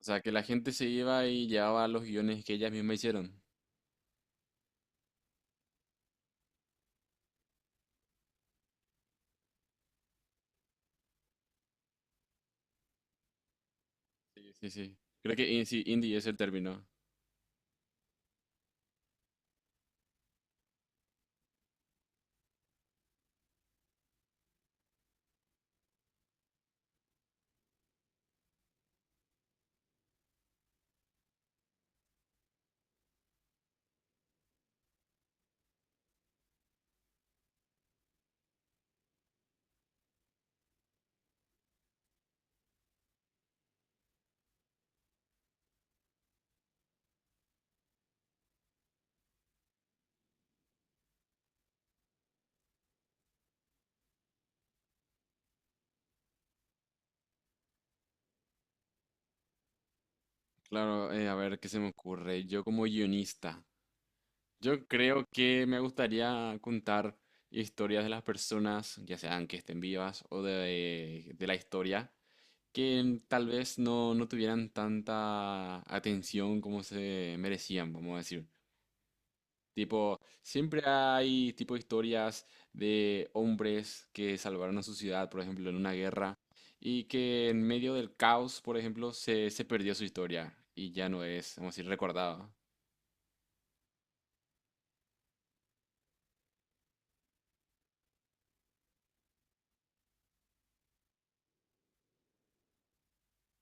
O sea, que la gente se iba y llevaba los guiones que ellas mismas hicieron. Sí, sí, sí. Creo que sí, indie es el término. Claro, a ver qué se me ocurre. Yo como guionista, yo creo que me gustaría contar historias de las personas, ya sean que estén vivas o de la historia, que tal vez no tuvieran tanta atención como se merecían, vamos a decir. Tipo, siempre hay tipo historias de hombres que salvaron a su ciudad, por ejemplo, en una guerra, y que en medio del caos, por ejemplo, se perdió su historia y ya no es, vamos a decir, recordado.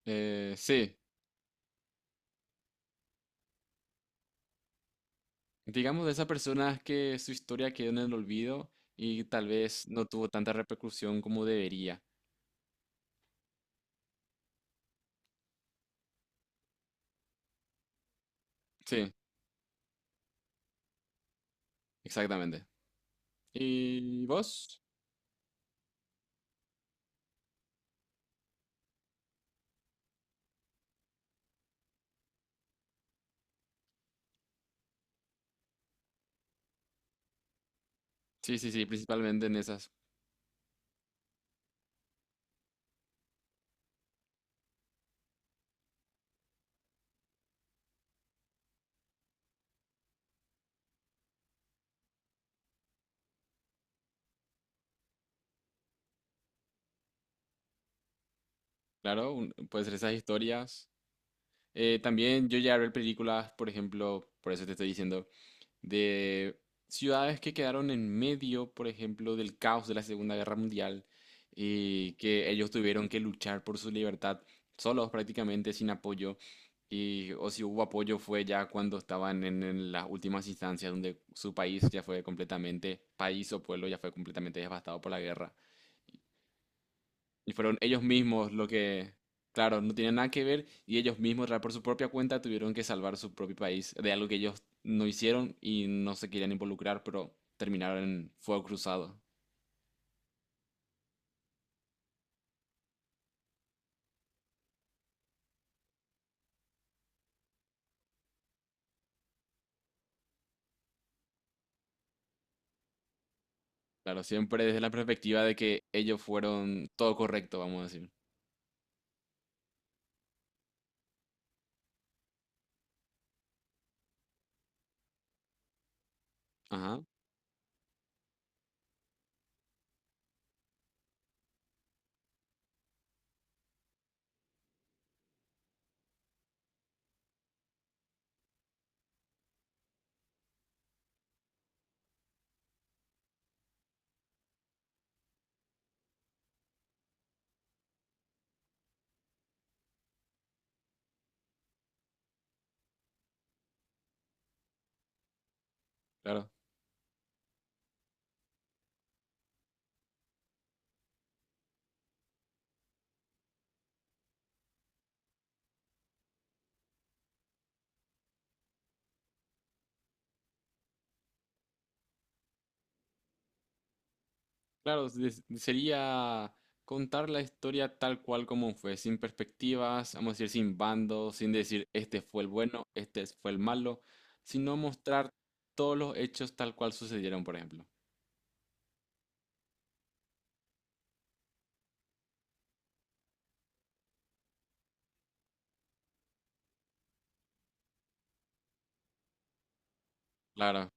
Sí, digamos de esas personas que su historia quedó en el olvido y tal vez no tuvo tanta repercusión como debería. Sí, exactamente. ¿Y vos? Sí, sí, sí, principalmente en esas. Claro, puede ser esas historias. También yo llegué a ver películas, por ejemplo, por eso te estoy diciendo, de ciudades que quedaron en medio, por ejemplo, del caos de la Segunda Guerra Mundial y que ellos tuvieron que luchar por su libertad solos prácticamente, sin apoyo. Y, o si hubo apoyo fue ya cuando estaban en las últimas instancias donde su país ya fue completamente, país o pueblo ya fue completamente devastado por la guerra. Y fueron ellos mismos lo que, claro, no tienen nada que ver y ellos mismos por su propia cuenta tuvieron que salvar su propio país de algo que ellos no hicieron y no se querían involucrar, pero terminaron en fuego cruzado. Claro, siempre desde la perspectiva de que ellos fueron todo correcto, vamos a decir. Ajá, claro. Claro, sería contar la historia tal cual como fue, sin perspectivas, vamos a decir, sin bandos, sin decir este fue el bueno, este fue el malo, sino mostrar todos los hechos tal cual sucedieron, por ejemplo. Claro.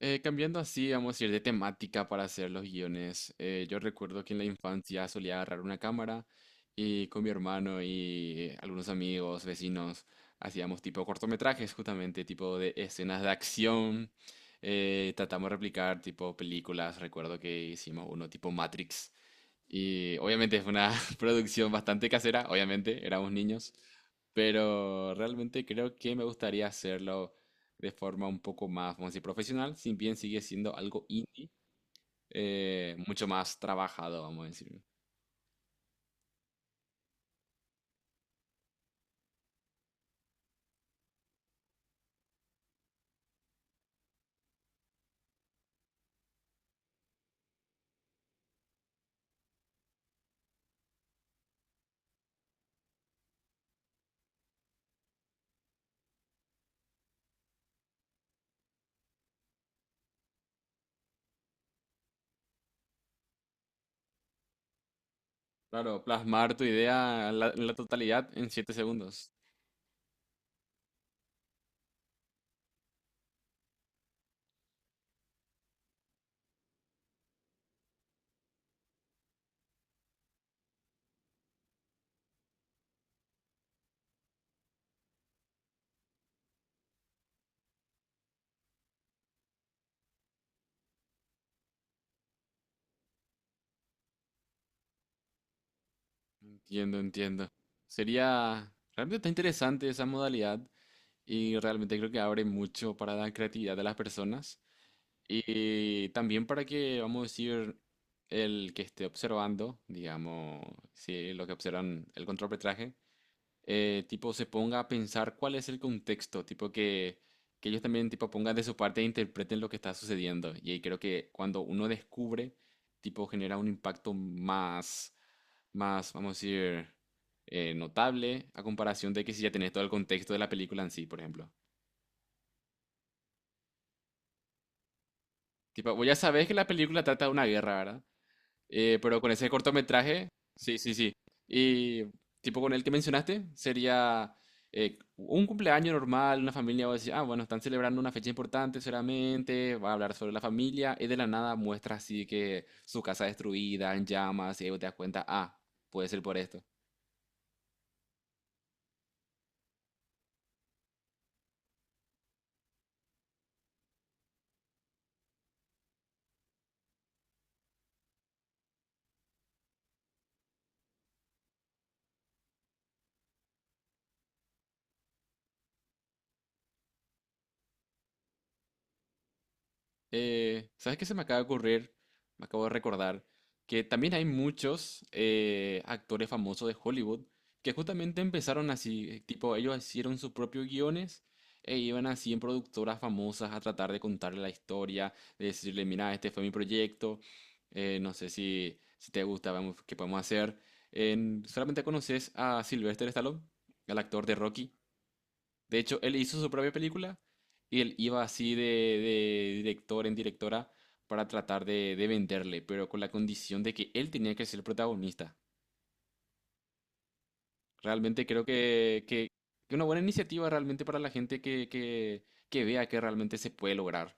Cambiando así, vamos a ir de temática para hacer los guiones. Yo recuerdo que en la infancia solía agarrar una cámara y con mi hermano y algunos amigos, vecinos, hacíamos tipo cortometrajes justamente, tipo de escenas de acción. Tratamos de replicar tipo películas. Recuerdo que hicimos uno tipo Matrix. Y obviamente es una producción bastante casera, obviamente éramos niños, pero realmente creo que me gustaría hacerlo de forma un poco más, vamos a decir, profesional, si bien sigue siendo algo indie, mucho más trabajado, vamos a decir. Claro, plasmar tu idea en en la totalidad en 7 segundos. Entiendo, entiendo. Sería, realmente está interesante esa modalidad y realmente creo que abre mucho para la creatividad de las personas. Y también para que, vamos a decir, el que esté observando, digamos, si lo que observan el contrapetraje, tipo se ponga a pensar cuál es el contexto, que ellos también tipo pongan de su parte e interpreten lo que está sucediendo. Y ahí creo que cuando uno descubre, tipo genera un impacto más, vamos a decir, notable a comparación de que si ya tenés todo el contexto de la película en sí, por ejemplo. Tipo, vos ya sabés que la película trata de una guerra, ¿verdad? Pero con ese cortometraje, sí, sí, sí. Y tipo con el que mencionaste, sería un cumpleaños normal, una familia va a decir, ah, bueno, están celebrando una fecha importante seguramente, va a hablar sobre la familia, y de la nada muestra así que su casa destruida, en llamas, y ahí vos te das cuenta, ah, puede ser por esto. ¿Sabes qué se me acaba de ocurrir? Me acabo de recordar que también hay muchos actores famosos de Hollywood que justamente empezaron así, tipo, ellos hicieron sus propios guiones e iban así en productoras famosas a tratar de contarle la historia, de decirle, mira, este fue mi proyecto, no sé si te gusta, vamos, qué podemos hacer. ¿Solamente conoces a Sylvester Stallone, el actor de Rocky? De hecho, él hizo su propia película y él iba así de director en directora para tratar de venderle, pero con la condición de que él tenía que ser el protagonista. Realmente creo que una buena iniciativa realmente para la gente que vea que realmente se puede lograr.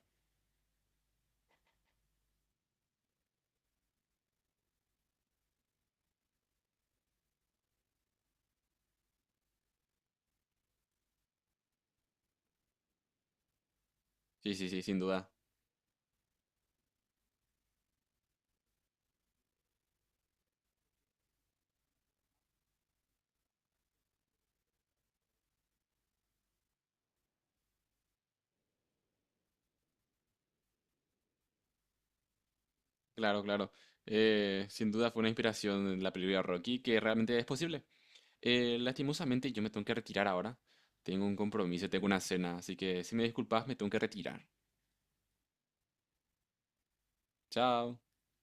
Sí, sí, sí, sin duda. Claro, claro. Sin duda fue una inspiración en la película Rocky que realmente es posible. Lastimosamente yo me tengo que retirar ahora. Tengo un compromiso, tengo una cena, así que si me disculpas me tengo que retirar. Chao.